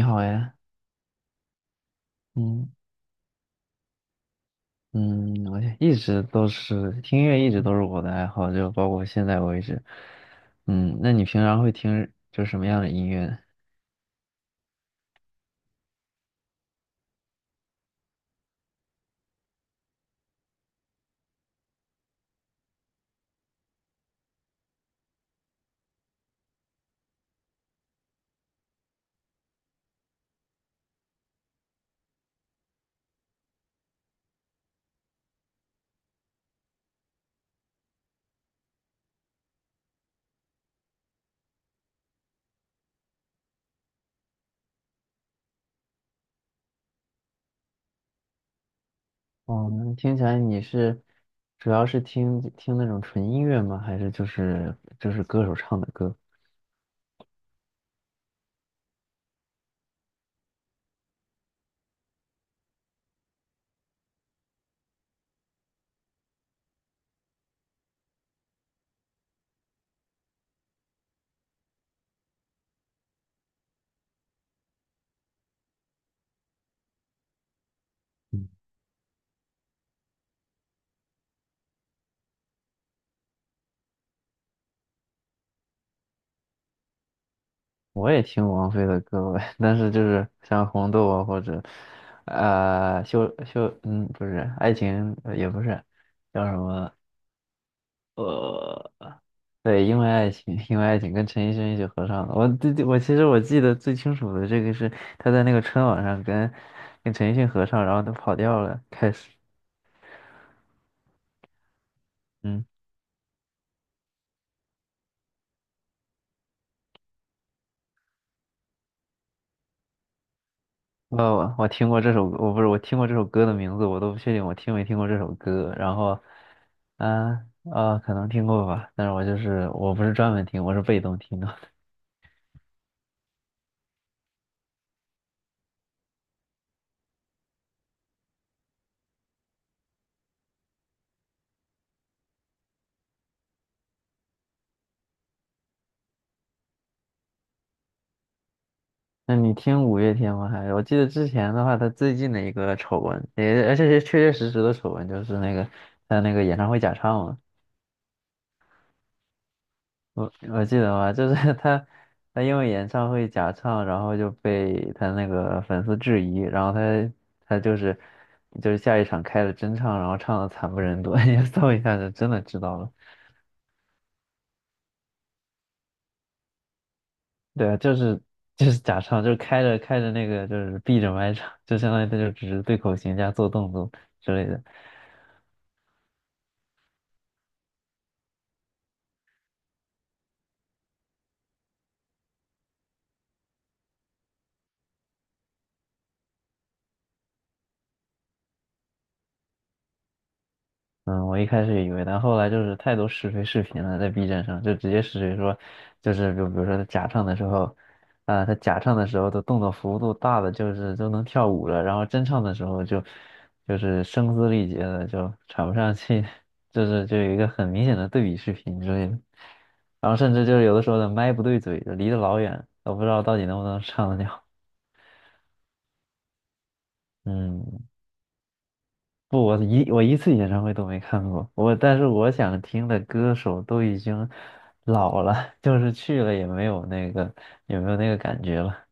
你好呀，嗯嗯，我一直都是听音乐，一直都是我的爱好，就包括现在为止。嗯，那你平常会听就什么样的音乐呢？哦，那听起来你是主要是听听那种纯音乐吗？还是就是歌手唱的歌？我也听王菲的歌呗，但是就是像红豆啊，或者秀秀，不是爱情，也不是叫什么呃对，因为爱情，因为爱情跟陈奕迅一起合唱的。我对对，我其实记得最清楚的这个是他在那个春晚上跟陈奕迅合唱，然后他跑调了，开始，嗯，我听过这首歌我不是我听过这首歌的名字，我都不确定我听没听过这首歌。然后，啊可能听过吧，但是我就是我不是专门听，我是被动听的。那你听五月天吗？还是我记得之前的话，他最近的一个丑闻，也而且是确确实实的丑闻，就是那个他那个演唱会假唱嘛。我记得吧，就是 他，他因为演唱会假唱，然后就被他那个粉丝质疑，然后他就是下一场开了真唱，然后唱的惨不忍睹，你搜一下就真的知道了。对啊，就是假唱，就是开着开着那个就是闭着麦唱，就相当于他就只是对口型加做动作之类的。嗯，我一开始也以为，但后来就是太多试非视频了，在 B 站上就直接试谁说，就比如说他假唱的时候，他假唱的时候的动作幅度大的就是都能跳舞了，然后真唱的时候就就是声嘶力竭的就喘不上气，就是就有一个很明显的对比视频之类的，然后甚至就是有的时候的麦不对嘴，就离得老远，都不知道到底能不能唱得了。嗯，不，我一次演唱会都没看过，但是我想听的歌手都已经老了，就是去了也没有那个也没有那个感觉了。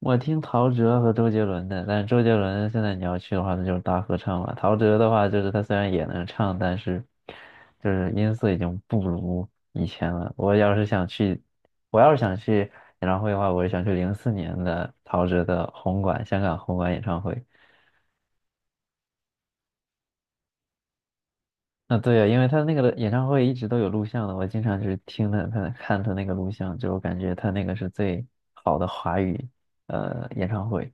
我听陶喆和周杰伦的，但是周杰伦现在你要去的话，那就是大合唱了。陶喆的话，就是他虽然也能唱，但是就是音色已经不如以前了。我要是想去，我要是想去演唱会的话，我是想去2004年的陶喆的红馆，香港红馆演唱会。啊，对呀，因为他那个演唱会一直都有录像的，我经常就是他看他那个录像，就我感觉他那个是最好的华语演唱会。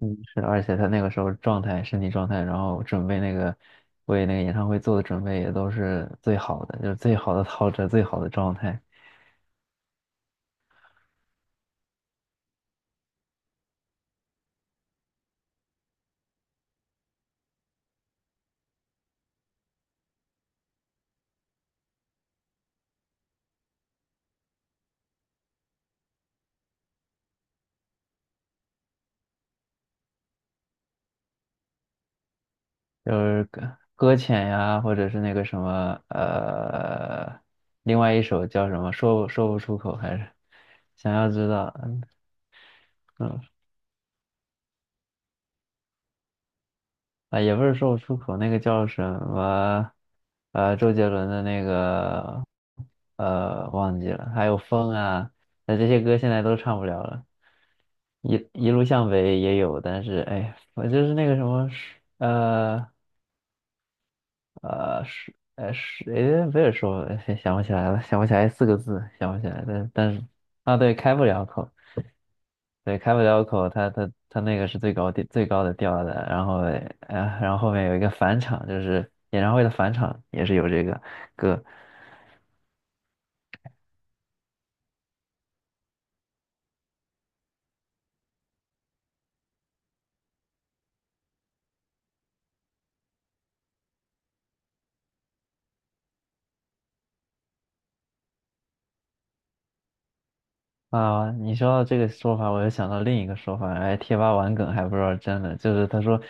嗯，是的，而且他那个时候状态、身体状态，然后准备那个为那个演唱会做的准备也都是最好的，就是最好的陶喆、最好的状态，就是搁浅呀，或者是那个什么另外一首叫什么说不出口，还是想要知道，嗯。嗯啊，也不是说不出口，那个叫什么，周杰伦的那个，忘记了，还有风啊，那这些歌现在都唱不了了。一路向北也有，但是哎，我就是那个什么，呃哎，不是说哎想不起来了，想不起来四个字，想不起来，但是啊，对，开不了口。对，开不了口，他那个是最高调最高的调的，然后然后后面有一个返场，就是演唱会的返场也是有这个歌啊。你说到这个说法，我又想到另一个说法，哎，贴吧玩梗还不知道真的，就是他说，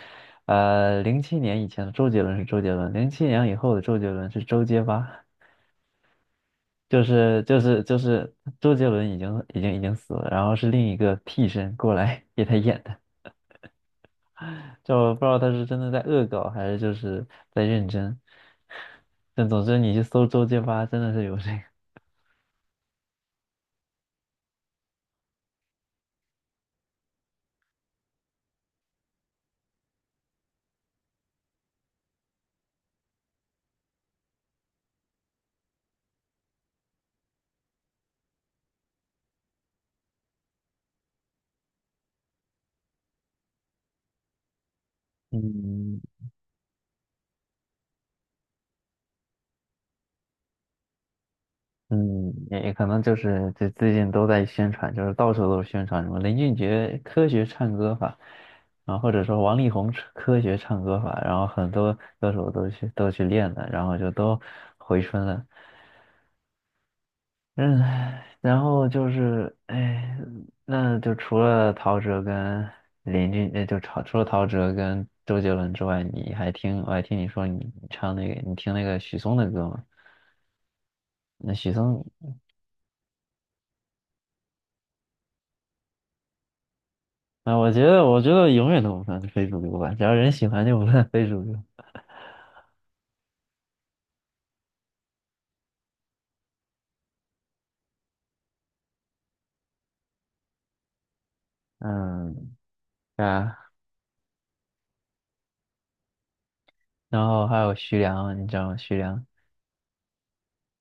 零七年以前的周杰伦是周杰伦，零七年以后的周杰伦是周杰吧，就是周杰伦已经死了，然后是另一个替身过来给他演的。就我不知道他是真的在恶搞，还是就是在认真。但总之，你去搜周杰吧，真的是有这个。嗯嗯，也可能就是这最近都在宣传，就是到处都是宣传什么林俊杰科学唱歌法，然后或者说王力宏科学唱歌法，然后很多歌手都去练了，然后就都回春了。嗯，然后就是，哎，那就除了陶喆跟林俊，那就除了陶喆跟周杰伦之外，你还听，我还听你说你唱那个，你听那个许嵩的歌吗？那许嵩，啊，我觉得，我觉得永远都不算非主流吧，只要人喜欢就不算非主流。嗯，对啊，然后还有徐良，你知道吗？徐良。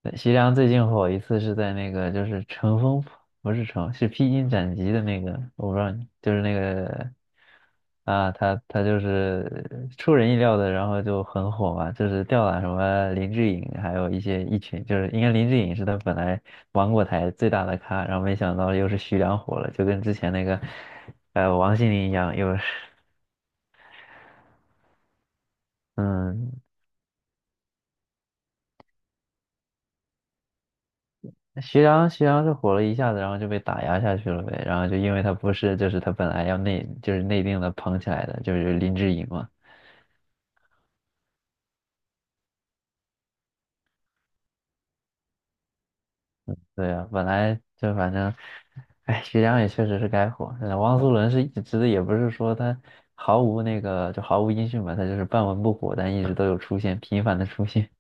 对徐良最近火一次是在那个就是乘风破不是乘是披荆斩棘的那个，我不知道你就是那个啊，他就是出人意料的，然后就很火嘛，就是吊打什么林志颖，还有一些一群，就是应该林志颖是他本来芒果台最大的咖，然后没想到又是徐良火了，就跟之前那个王心凌一样，又是嗯徐良，徐良是火了一下子，然后就被打压下去了呗。然后就因为他不是，就是他本来要内，就是内定的捧起来的，就是林志颖嘛。对啊，本来就反正，哎，徐良也确实是该火。汪苏泷是一直的，也不是说他毫无那个，就毫无音讯吧，他就是半文不火，但一直都有出现，频繁的出现。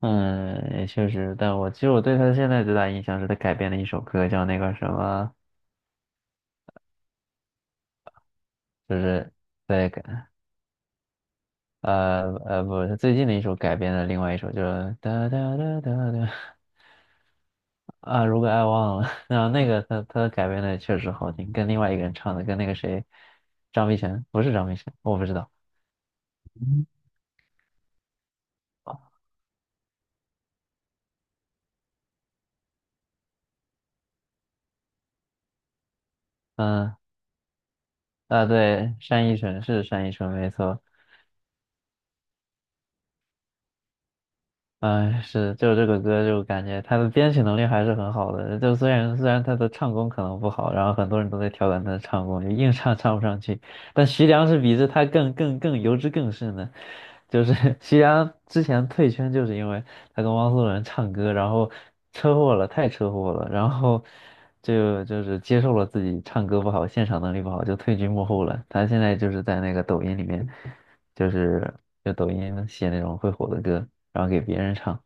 嗯，也确实，但我其实我对他现在最大印象是他改编了一首歌，叫那个什么，就是对，不是最近的一首改编的另外一首，就是哒哒哒哒哒啊，如果爱忘了，然后那个他改编的确实好听，跟另外一个人唱的，跟那个谁，张碧晨不是张碧晨，我不知道，嗯嗯啊对，单依纯是单依纯没错，嗯，是，就这个歌，就感觉他的编曲能力还是很好的。就虽然他的唱功可能不好，然后很多人都在调侃他的唱功，就硬唱唱不上去。但徐良是比这他更油脂更甚的，就是 徐良之前退圈就是因为他跟汪苏泷唱歌，然后车祸了，太车祸了，然后就是接受了自己唱歌不好，现场能力不好，就退居幕后了。他现在就是在那个抖音里面。就是就抖音写那种会火的歌，然后给别人唱。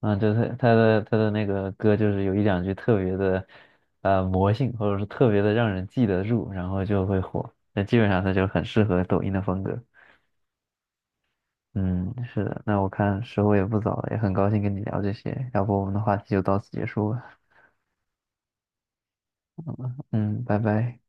嗯，就他的那个歌，就是有一两句特别的，魔性，或者是特别的让人记得住，然后就会火。那基本上他就很适合抖音的风格。嗯，是的。那我看时候也不早了，也很高兴跟你聊这些，要不我们的话题就到此结束吧。嗯，拜拜。